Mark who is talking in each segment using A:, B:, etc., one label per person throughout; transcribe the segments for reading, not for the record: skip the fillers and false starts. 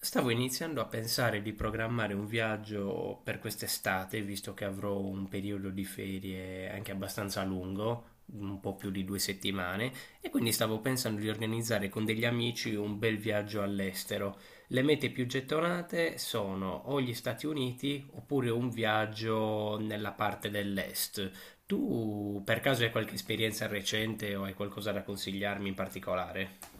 A: Stavo iniziando a pensare di programmare un viaggio per quest'estate, visto che avrò un periodo di ferie anche abbastanza lungo, un po' più di 2 settimane, e quindi stavo pensando di organizzare con degli amici un bel viaggio all'estero. Le mete più gettonate sono o gli Stati Uniti oppure un viaggio nella parte dell'est. Tu per caso hai qualche esperienza recente o hai qualcosa da consigliarmi in particolare?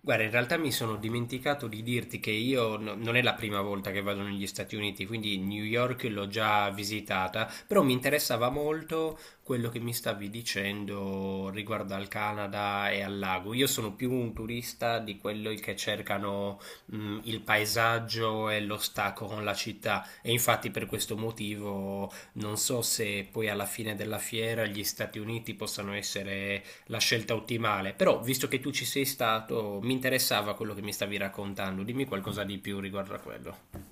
A: Guarda, in realtà mi sono dimenticato di dirti che io non è la prima volta che vado negli Stati Uniti, quindi New York l'ho già visitata, però mi interessava molto quello che mi stavi dicendo riguardo al Canada e al lago. Io sono più un turista di quelli che cercano, il paesaggio e lo stacco con la città, e infatti per questo motivo non so se poi alla fine della fiera gli Stati Uniti possano essere la scelta ottimale. Però, visto che tu ci sei stato, mi interessava quello che mi stavi raccontando. Dimmi qualcosa di più riguardo a quello.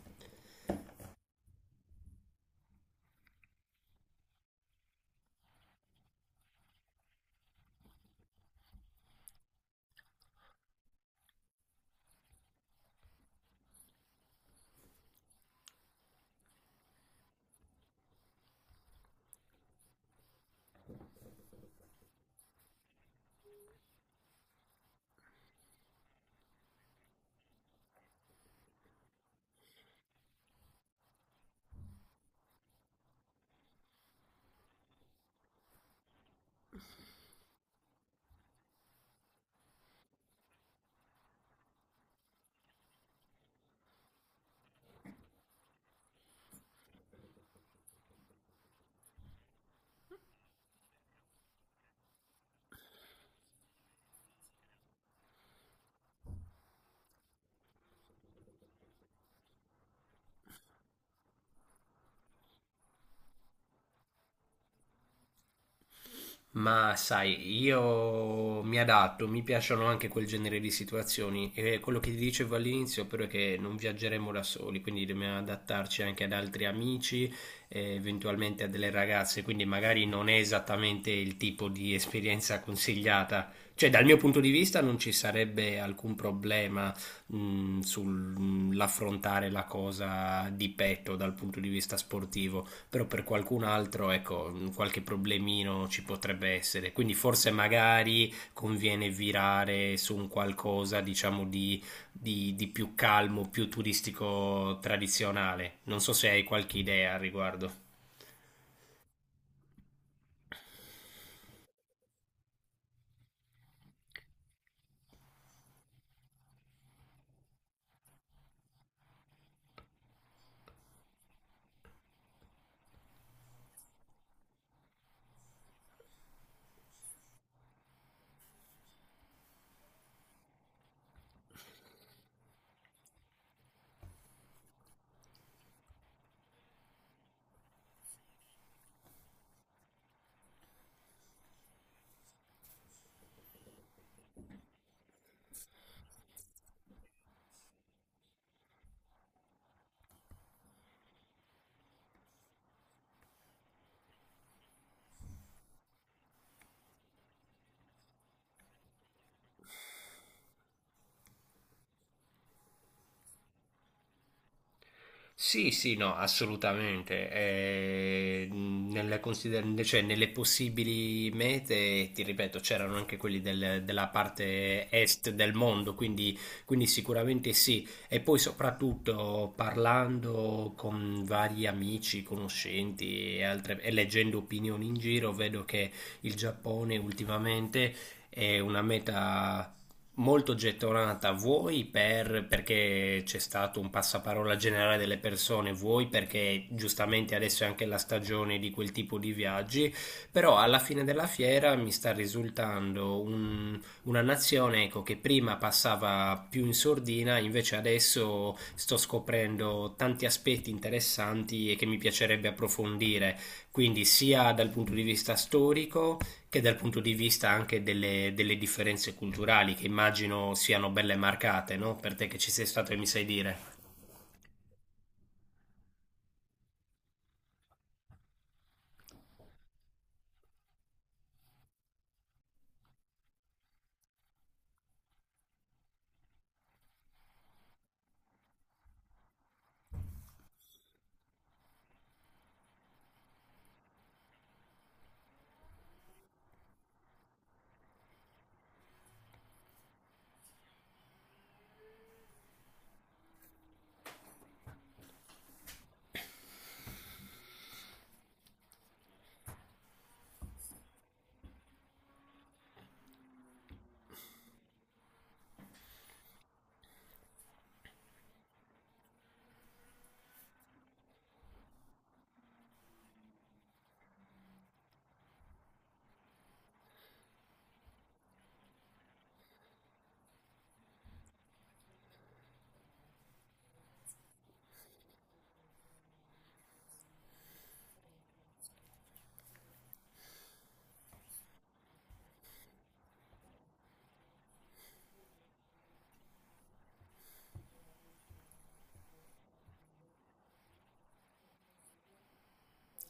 A: Ma sai, io mi adatto, mi piacciono anche quel genere di situazioni, e quello che ti dicevo all'inizio però è che non viaggeremo da soli, quindi dobbiamo adattarci anche ad altri amici e eventualmente a delle ragazze, quindi magari non è esattamente il tipo di esperienza consigliata. Cioè, dal mio punto di vista non ci sarebbe alcun problema sull'affrontare la cosa di petto dal punto di vista sportivo, però per qualcun altro ecco qualche problemino ci potrebbe essere, quindi forse magari conviene virare su un qualcosa diciamo di, più calmo, più turistico, tradizionale. Non so se hai qualche idea al riguardo. Sì, sì, no, assolutamente. Cioè, nelle possibili mete, ti ripeto, c'erano anche quelli del- della parte est del mondo, quindi sicuramente sì. E poi soprattutto parlando con vari amici, conoscenti e e leggendo opinioni in giro, vedo che il Giappone ultimamente è una meta molto gettonata, vuoi per, perché c'è stato un passaparola generale delle persone, vuoi perché giustamente adesso è anche la stagione di quel tipo di viaggi, però alla fine della fiera mi sta risultando una nazione, ecco, che prima passava più in sordina, invece adesso sto scoprendo tanti aspetti interessanti e che mi piacerebbe approfondire, quindi sia dal punto di vista storico, che dal punto di vista anche delle, delle differenze culturali, che immagino siano belle marcate, no? Per te che ci sei stato e mi sai dire.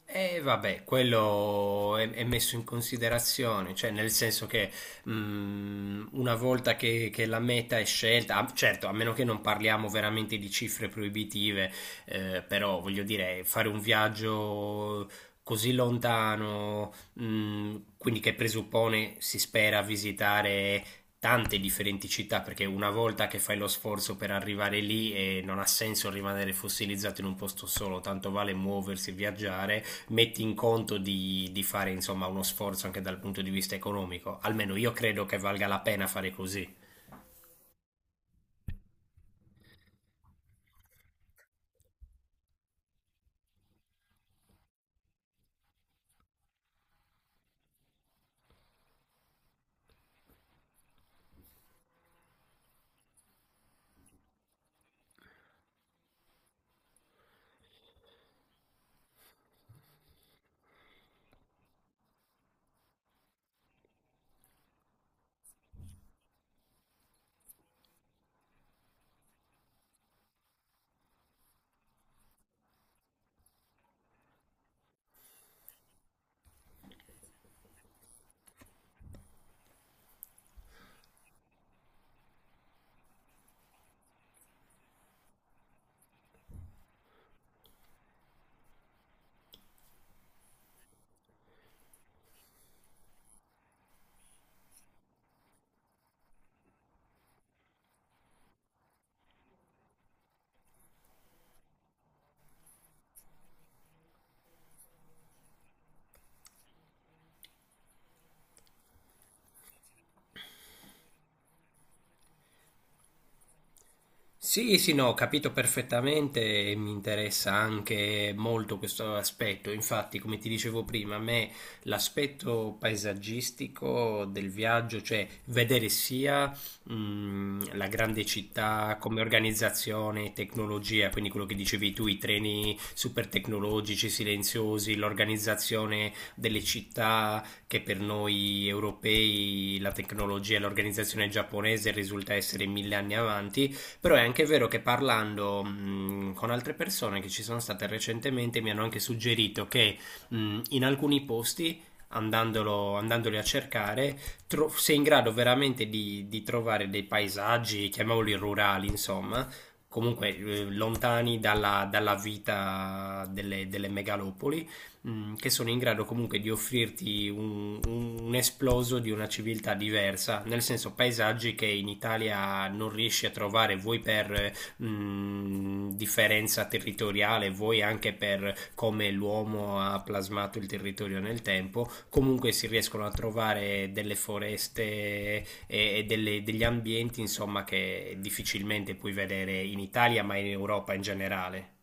A: E vabbè, quello è messo in considerazione, cioè nel senso che una volta che, la meta è scelta, ah, certo, a meno che non parliamo veramente di cifre proibitive, però voglio dire, fare un viaggio così lontano, quindi che presuppone, si spera, visitare tante differenti città, perché una volta che fai lo sforzo per arrivare lì, non ha senso rimanere fossilizzato in un posto solo, tanto vale muoversi e viaggiare, metti in conto di fare insomma uno sforzo anche dal punto di vista economico. Almeno io credo che valga la pena fare così. Sì, sì, no, ho capito perfettamente e mi interessa anche molto questo aspetto. Infatti, come ti dicevo prima, a me l'aspetto paesaggistico del viaggio, cioè vedere sia la grande città come organizzazione, tecnologia, quindi quello che dicevi tu, i treni super tecnologici, silenziosi, l'organizzazione delle città, che per noi europei la tecnologia e l'organizzazione giapponese risulta essere mille anni avanti. Però è anche vero che parlando con altre persone che ci sono state recentemente, mi hanno anche suggerito che in alcuni posti andandoli a cercare, sei in grado veramente di, trovare dei paesaggi, chiamiamoli rurali, insomma, comunque lontani dalla, vita delle megalopoli, che sono in grado comunque di offrirti un, un esploso di una civiltà diversa, nel senso paesaggi che in Italia non riesci a trovare, vuoi per differenza territoriale, vuoi anche per come l'uomo ha plasmato il territorio nel tempo, comunque si riescono a trovare delle foreste e degli ambienti, insomma, che difficilmente puoi vedere in Italia, ma in Europa in generale.